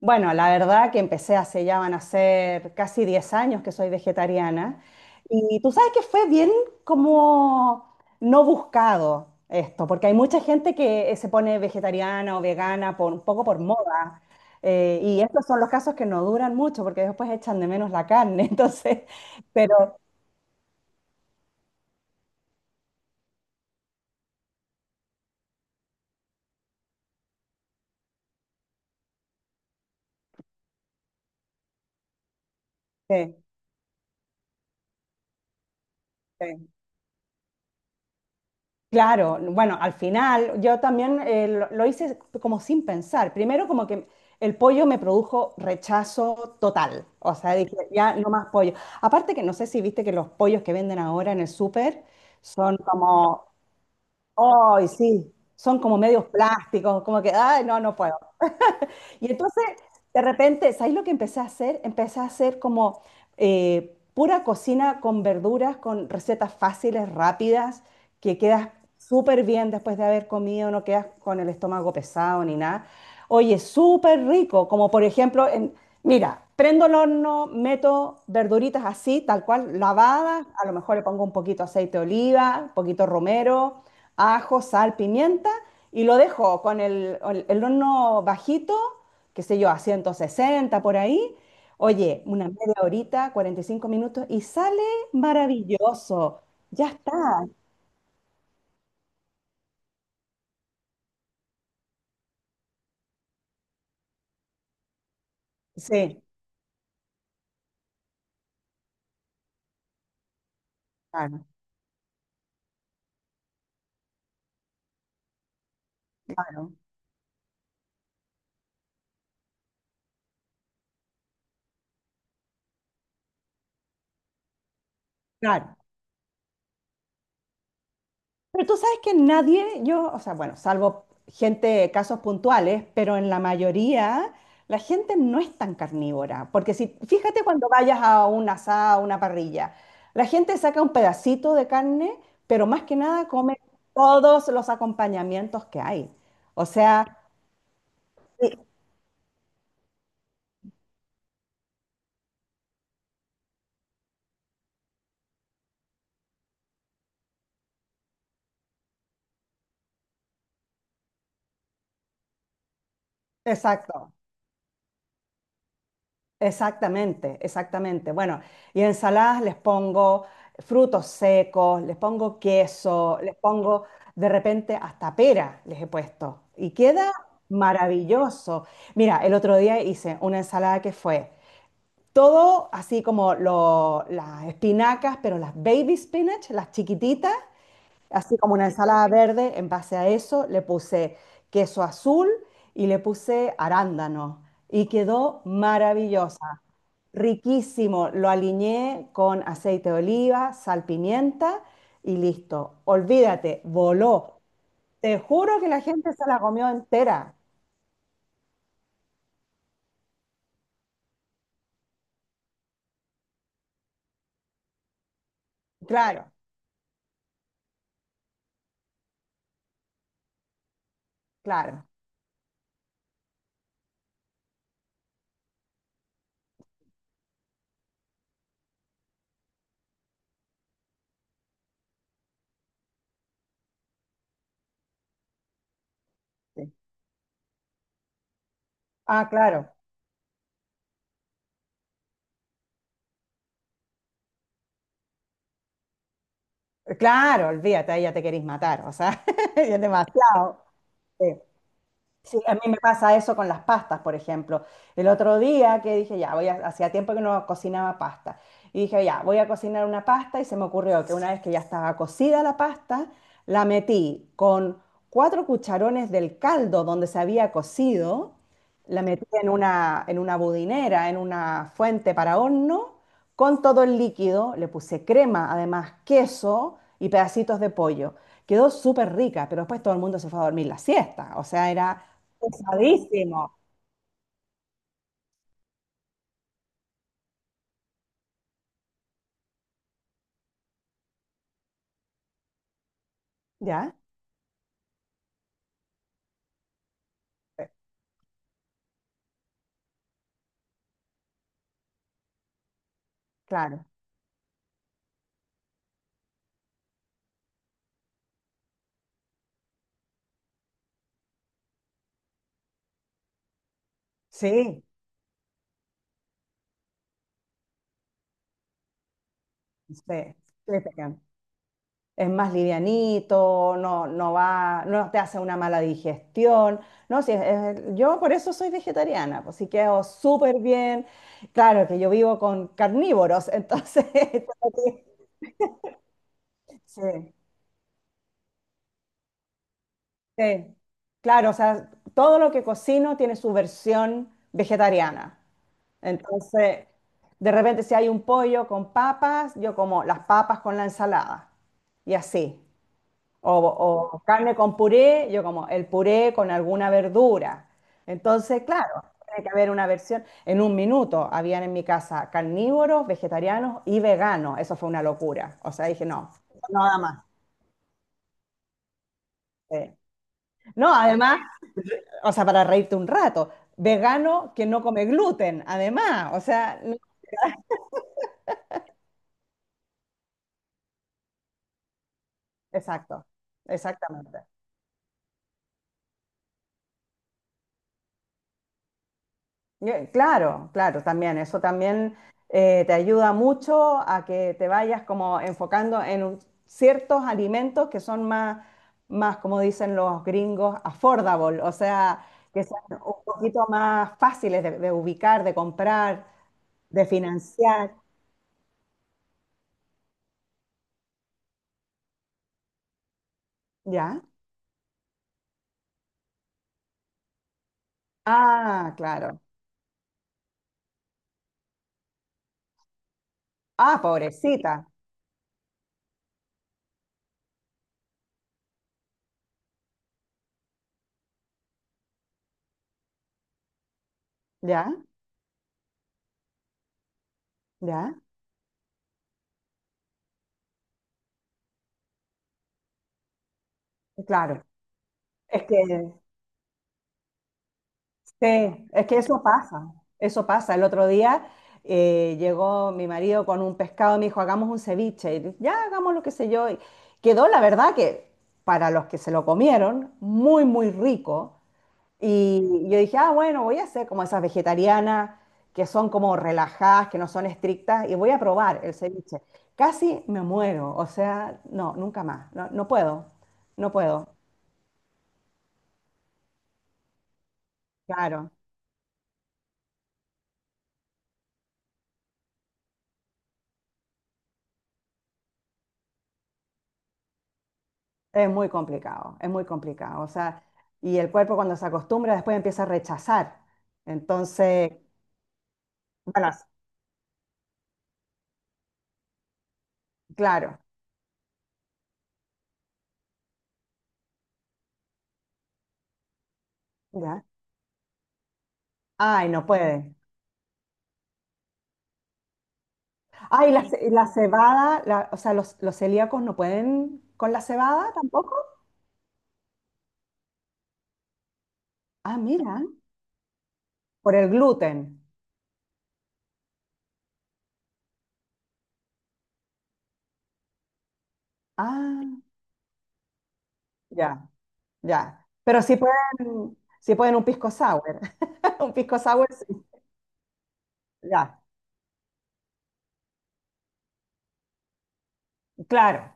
Bueno, la verdad que empecé hace ya van a ser casi 10 años que soy vegetariana y tú sabes que fue bien como no buscado esto, porque hay mucha gente que se pone vegetariana o vegana por, un poco por moda y estos son los casos que no duran mucho porque después echan de menos la carne, entonces, pero sí, sí. Claro, bueno, al final yo también lo hice como sin pensar. Primero como que el pollo me produjo rechazo total, o sea, dije, ya no más pollo. Aparte que no sé si viste que los pollos que venden ahora en el súper son como, ¡ay, sí! Son como medios plásticos, como que, ¡ay, no, no puedo! Y entonces, de repente, ¿sabes lo que empecé a hacer? Empecé a hacer como pura cocina con verduras, con recetas fáciles, rápidas, que quedas súper bien después de haber comido, no quedas con el estómago pesado ni nada. Oye, súper rico, como por ejemplo, mira, prendo el horno, meto verduritas así, tal cual, lavadas, a lo mejor le pongo un poquito aceite de oliva, un poquito romero, ajo, sal, pimienta, y lo dejo con el horno bajito qué sé yo, a 160 por ahí. Oye, una media horita, 45 minutos y sale maravilloso. Ya está. Sí, claro, claro, claro. Pero tú sabes que nadie, yo, o sea, bueno, salvo gente, casos puntuales, pero en la mayoría la gente no es tan carnívora. Porque si, fíjate cuando vayas a un asado, a una parrilla, la gente saca un pedacito de carne, pero más que nada come todos los acompañamientos que hay. O sea, sí, exacto, exactamente, exactamente. Bueno, y ensaladas les pongo frutos secos, les pongo queso, les pongo de repente hasta pera, les he puesto. Y queda maravilloso. Mira, el otro día hice una ensalada que fue todo así como las espinacas, pero las baby spinach, las chiquititas, así como una ensalada verde, en base a eso le puse queso azul y le puse arándano y quedó maravillosa, riquísimo. Lo aliñé con aceite de oliva, sal, pimienta y listo. Olvídate, voló. Te juro que la gente se la comió entera. Claro, claro. Sí. Ah, claro. Claro, olvídate, ahí ya te querís matar, o sea, es demasiado. Sí. Sí, a mí me pasa eso con las pastas, por ejemplo. El otro día que dije, ya, voy a, hacía tiempo que no cocinaba pasta. Y dije, ya, voy a cocinar una pasta y se me ocurrió que una vez que ya estaba cocida la pasta, la metí con cuatro cucharones del caldo donde se había cocido, la metí en una budinera, en una fuente para horno, con todo el líquido, le puse crema, además queso y pedacitos de pollo. Quedó súper rica, pero después todo el mundo se fue a dormir la siesta. O sea, era pesadísimo, ¿ya? Eh, claro, sí, sí, sí, te es más livianito, no, no va, no te hace una mala digestión. No, sí, yo por eso soy vegetariana, pues sí quedo súper bien. Claro que yo vivo con carnívoros, entonces, tengo que- sí, sí. Claro, o sea, todo lo que cocino tiene su versión vegetariana. Entonces, de repente si hay un pollo con papas, yo como las papas con la ensalada y así. O, o carne con puré, yo como el puré con alguna verdura. Entonces, claro, tiene que haber una versión. En un minuto habían en mi casa carnívoros, vegetarianos y veganos. Eso fue una locura. O sea, dije, no, nada más. Sí. No, además, o sea, para reírte un rato, vegano que no come gluten, además. O sea, exacto, exactamente. Claro, claro, también. Eso también te ayuda mucho a que te vayas como enfocando en ciertos alimentos que son más, más, como dicen los gringos, affordable, o sea, que sean un poquito más fáciles de ubicar, de comprar, de financiar, ¿ya? Ah, claro. Ah, pobrecita, ¿ya? ¿Ya? Claro. Es que Sí, es que eso pasa, eso pasa. El otro día llegó mi marido con un pescado y me dijo, hagamos un ceviche. Y dije, ya, hagamos lo que sé yo. Y quedó, la verdad, que para los que se lo comieron, muy, muy rico. Y yo dije, ah, bueno, voy a hacer como esas vegetarianas que son como relajadas, que no son estrictas, y voy a probar el ceviche. Casi me muero, o sea, no, nunca más, no, no puedo, no puedo, claro. Es muy complicado, es muy complicado. O sea, y el cuerpo cuando se acostumbra después empieza a rechazar. Entonces, bueno, claro, ya. Ay, no puede. Ay, la cebada, o sea, los celíacos no pueden con la cebada tampoco. Ah, mira, por el gluten. Ah, ya, ya. Pero sí pueden un pisco sour. Un pisco sour, sí. Ya, claro.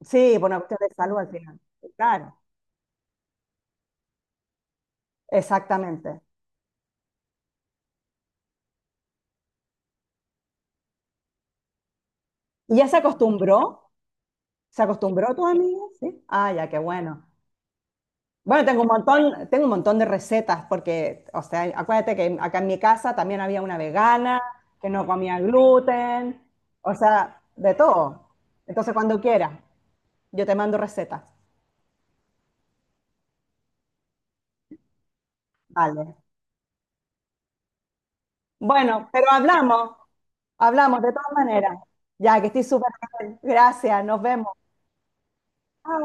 Sí, por una cuestión de salud al final. Claro, exactamente. ¿Y ya se acostumbró? ¿Se acostumbró tu amiga? Sí. Ah, ya, qué bueno. Bueno, tengo un montón de recetas porque, o sea, acuérdate que acá en mi casa también había una vegana que no comía gluten, o sea, de todo. Entonces, cuando quieras, yo te mando recetas. Vale. Bueno, pero hablamos, hablamos de todas maneras. Ya, que estoy súper bien. Gracias, nos vemos. Chao.